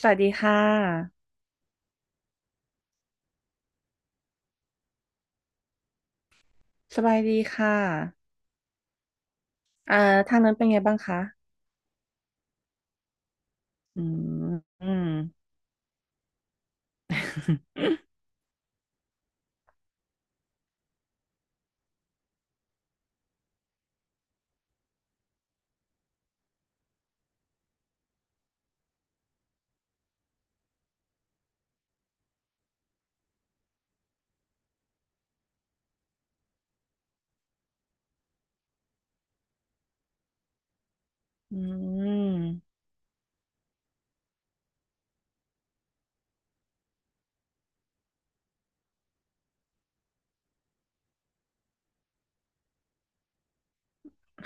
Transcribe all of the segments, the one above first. สวัสดีค่ะ สบายดีค่ะอ่าทางนั้นเป็นไงบ้างคะอืมอืมอืม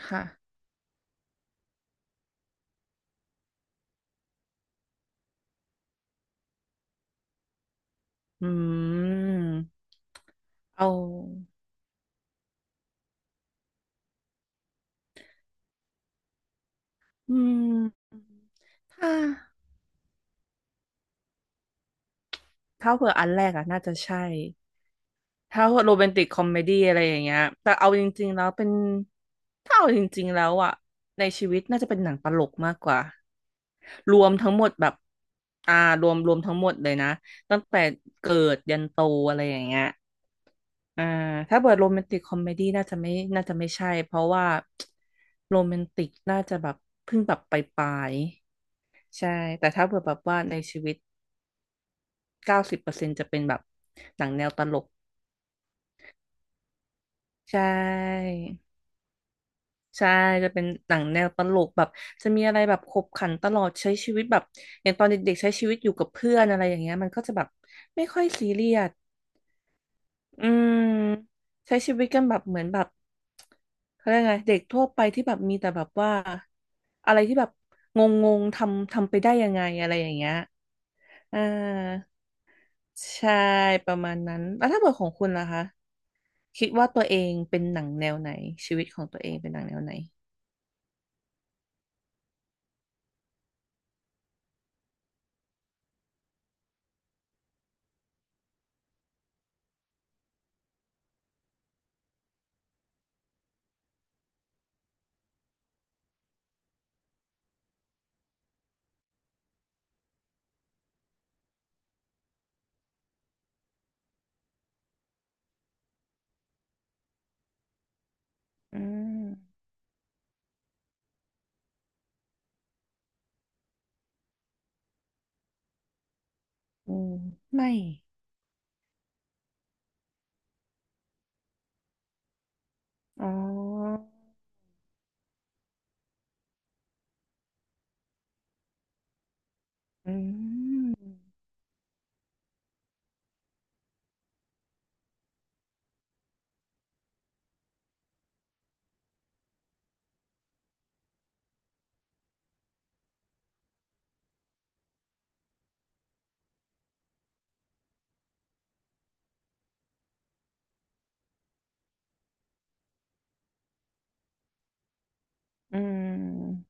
ค่ะอืมเอาอืมถ้าถ้าเผื่ออันแรกอะน่าจะใช่ ถ้าโรแมนติกคอมเมดี้อะไรอย่างเงี้ย แต่เอาจริงๆแล้วเป็นถ้าเอาจริงๆแล้วอะในชีวิตน่าจะเป็นหนังตลกมากกว่ารวมทั้งหมดแบบอ่ารวมทั้งหมดเลยนะตั้งแต่เกิดยันโตอะไรอย่างเงี้ย อ่าถ้าเปิดโรแมนติกคอมเมดี้น่าจะไม่ใช่เพราะว่าโรแมนติกน่าจะแบบเพิ่งแบบปลายๆใช่แต่ถ้าเปิดแบบว่าในชีวิตเก้าสิบเปอร์เซ็นต์จะเป็นแบบหนังแนวตลกใช่ใช่จะเป็นหนังแนวตลกแบบจะมีอะไรแบบขบขันตลอดใช้ชีวิตแบบอย่างตอนเด็กๆใช้ชีวิตอยู่กับเพื่อนอะไรอย่างเงี้ยมันก็จะแบบไม่ค่อยซีเรียส อืมใช้ชีวิตกันแบบเหมือนแบบเขาเรียกไงเด็กทั่วไปที่แบบมีแต่แบบว่าอะไรที่แบบงงงทำไปได้ยังไงอะไรอย่างเงี้ยอ่าใช่ประมาณนั้นแล้วถ้าเกิดของคุณล่ะคะคิดว่าตัวเองเป็นหนังแนวไหนชีวิตของตัวเองเป็นหนังแนวไหนอืมอืมไม่อ๋ออืมอืม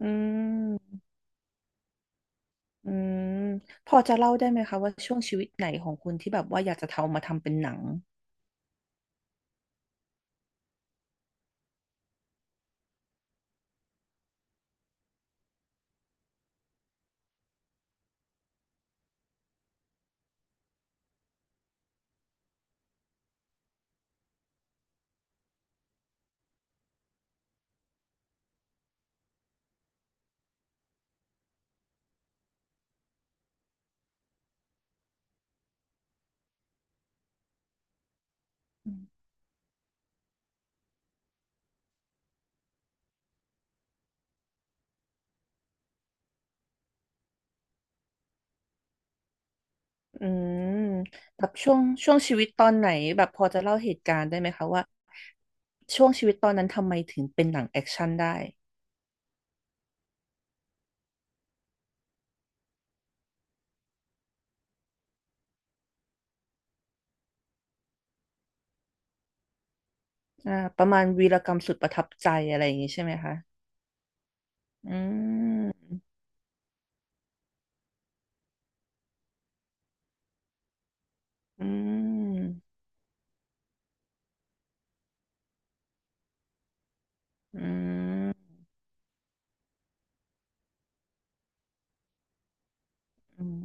อืม อืมพอจะเล่าได้ไหมคะว่าช่วงชีวิตไหนของคุณที่แบบว่าอยากจะทำมาทำเป็นหนังอืมแบบช่วงชีวิตตอนไหนแบบพอจะเล่าเหตุการณ์ได้ไหมคะว่าช่วงชีวิตตอนนั้นทำไมถึงเป็นหนังแอคชั่นได้ประมาณวีรกรรมสุดประทับใจอะไรอย่างงี้ใช่ไหมคะอืมอืมอืมอืม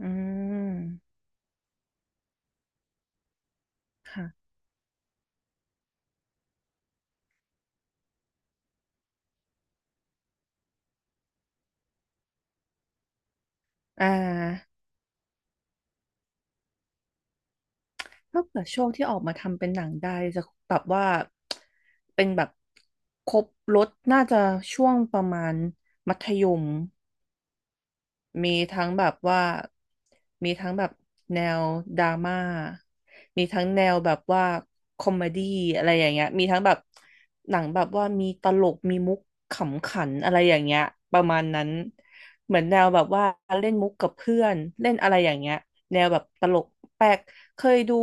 อืมค่ะอ่า ถ้าเกิดช่วงที่ออกมาทำเป็นหนังได้จะแบบว่าเป็นแบบครบรถน่าจะช่วงประมาณมัธยม มีทั้งแบบว่ามีทั้งแบบแนวดราม่ามีทั้งแนวแบบว่าคอมเมดี้อะไรอย่างเงี้ยมีทั้งแบบหนังแบบว่ามีตลกมีมุกขำขันอะไรอย่างเงี้ยประมาณนั้นเหมือนแนวแบบว่าเล่นมุกกับเพื่อนเล่นอะไรอย่างเงี้ยแนวแบบตลกแปลกเคยดู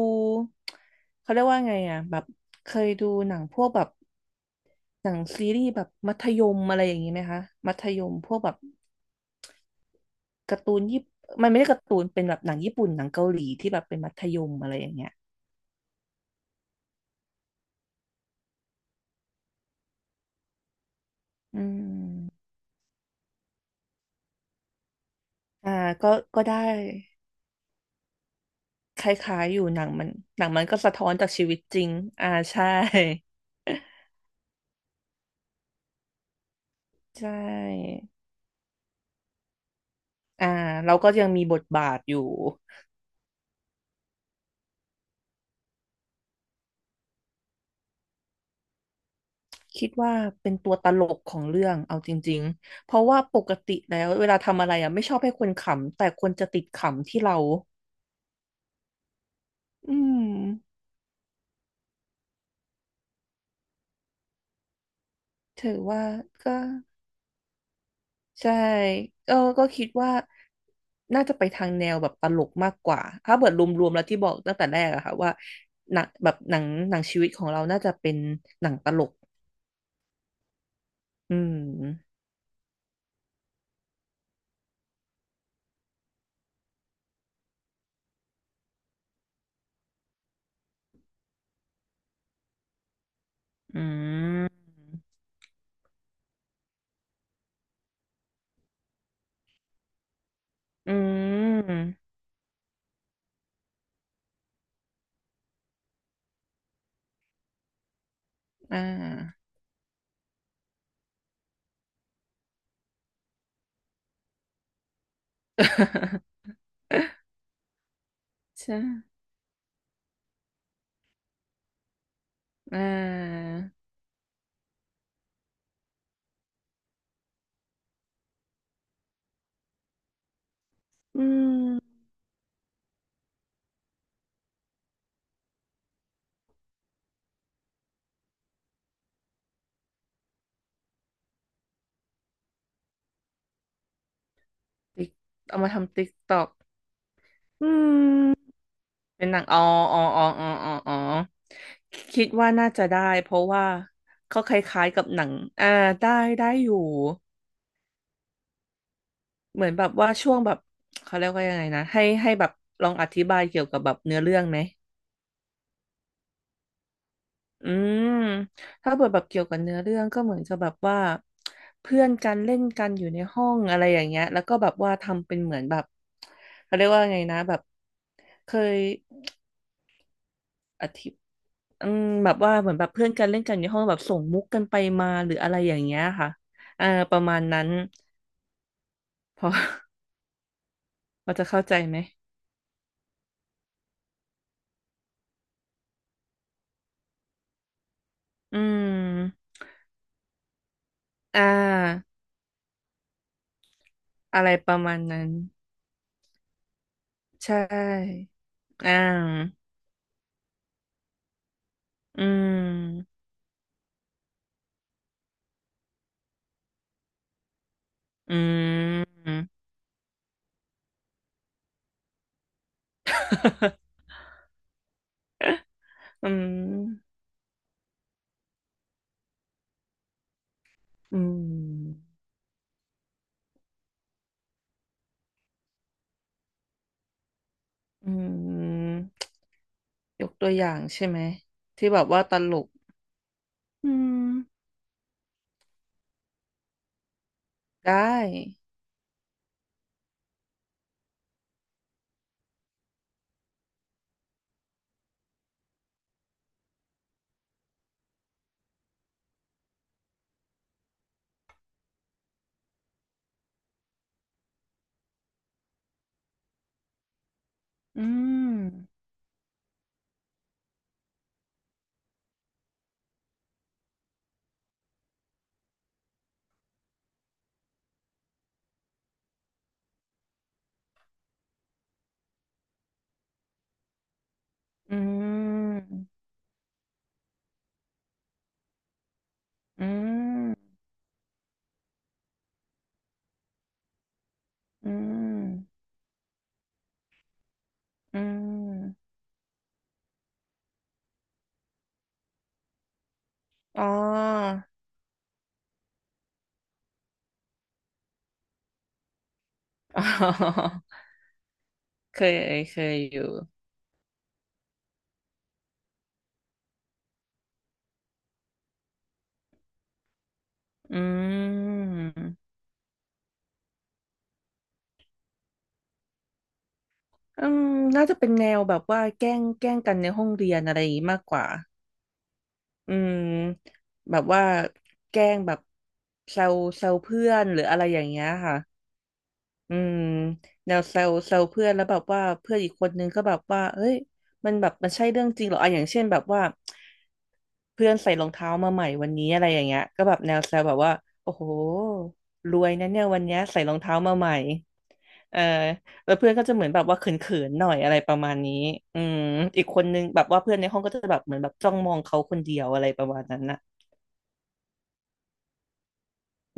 เขาเรียกว่าไงอ่ะแบบเคยดูหนังพวกแบบหนังซีรีส์แบบมัธยมอะไรอย่างนี้ไหมคะมัธยมพวกแบบ การ์ตูนญี่ปุ่นมันไม่ได้การ์ตูนเป็นแบบหนังญี่ปุ่นหนังเกาหลีที่แบบเป็นมัธยมอะไรอย่างเงี้ยอืมอ่าก็ก็ได้คล้ายๆอยู่หนังมันหนังมันก็สะท้อนจากชีวิตจริงใช่ ใช่อ่าเราก็ยังมีบทบาทอยู่คิดว่าเป็นตัวตลกของเรื่องเอาจริงๆเพราะว่าปกติแล้วเวลาทำอะไรอ่ะไม่ชอบให้คนขำแต่คนจะติดขำที่เราอืมถือว่าก็ ใช่เออ ก็คิดว่าน่าจะไปทางแนวแบบตลกมากกว่าถ้าเกิดรวมๆแล้วที่บอกตั้งแต่แรกอะค่ะว่าหนังแบบหนังหนังชีวิตของเราน่าจะเป็นหนังตลกอืมอืมอืมอ่า ใช่อ่าอืมติ๊กเอามาทำติ๊กตอกอืม เป็นหนังอ๋ออ๋ออ๋ออ๋ออ๋ออ๋อคิดว่าน่าจะได้เพราะว่าเขาคล้ายๆกับหนังอ่าได้ได้อยู่เหมือนแบบว่าช่วงแบบเขาเรียกว่ายังไงนะให้แบบลองอธิบายเกี่ยวกับแบบเนื้อเรื่องไหมอืมถ้าเปิดแบบเกี่ยวกับเนื้อเรื่องก็เหมือนจะแบบว่าเพื่อนกันเล่นกันอยู่ในห้องอะไรอย่างเงี้ยแล้วก็แบบว่าทำเป็นเหมือนแบบเขาเรียกว่าไงนะแบบเคยอธิ อืมแบบว่าเหมือนแบบเพื่อนกันเล่นกันอยู่ในห้องแบบส่งมุกกันไปมาหรืออะไรอย่างเงี้ยค่ะอ่าประมาณนั้นพอ พอจะเข้าใจไหมอืมอ่าอะไรประมาณนั้นใช่อ่าอืมอืม อืมอืมอืมยกตัวอย่างใช่ไหมที่แบบว่าตลกอืมได้อืมอืมอืม อืมอืมอ๋ออ๋อ เคยเคยอยู่อืมอืมน่าจะเป็นแนวแบบว่าแกล้งกันในห้องเรียนอะไรอย่างนี้มากกว่า อืมแบบว่าแกล้งแบบแซวเพื่อนหรืออะไรอย่างเงี้ยค่ะ อืมแนวเซลเพื่อนแล้วแบบว่าเพื่อนอีกคนนึงก็แบบว่าเอ้ยมันแบบมันใช่เรื่องจริงเหรออ่ะอย่างเช่นแบบว่าเพื่อนใส่รองเท้ามาใหม่วันนี้อะไรอย่างเงี้ยก็แบบแนวเซลแบบว่าโอ้โหรวยนะเนี่ยวันเนี้ยใส่รองเท้ามาใหม่เออแล้วเพื่อนก็จะเหมือนแบบว่าเขินๆหน่อยอะไรประมาณนี้อืมอีกคนนึงแบบว่าเพื่อนในห้องก็จะแบบเหมือนแบบจ้องมองเขาคนเดียวอะไรประมาณนั้นน่ะ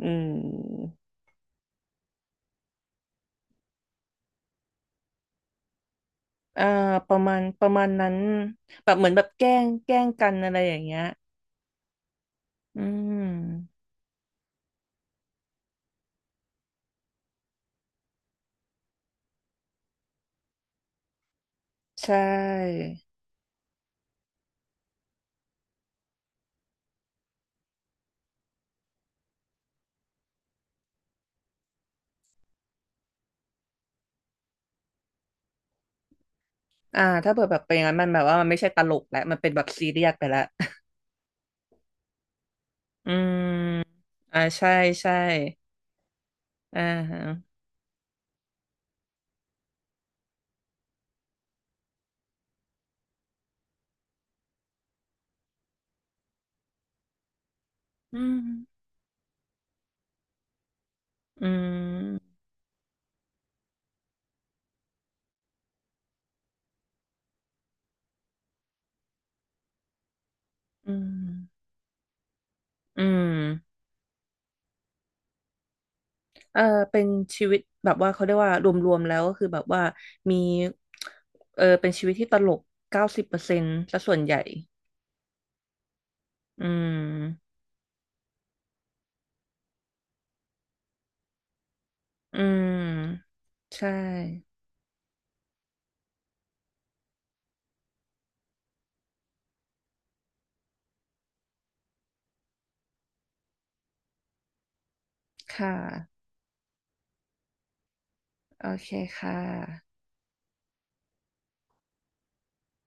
อืม เอ่อประมาณนั้นแบบเหมือนแบบแกล้งกันอะไรอย่างเงี้ยอืมใช่ถ้าเปิดแบบเป็นอย่างนั้นมันแบบว่ามันไม่ใช่ตลกแล้วมันเป็นแบบซีเรียสไปแล้วอืมใช่ใช่อ่าฮะอืมอืมอืมอืมเออเป็นชีวิตแบบว่าเขาเรียกว่ารวมๆแล้วก็คือแบบว่ามีเออเป็นชีวิตที่ตลกเก้าสิบเปอร์เซ็นต์ซะส่วนใหญ่อืม อืมใช่ค่ะโอเคค่ะ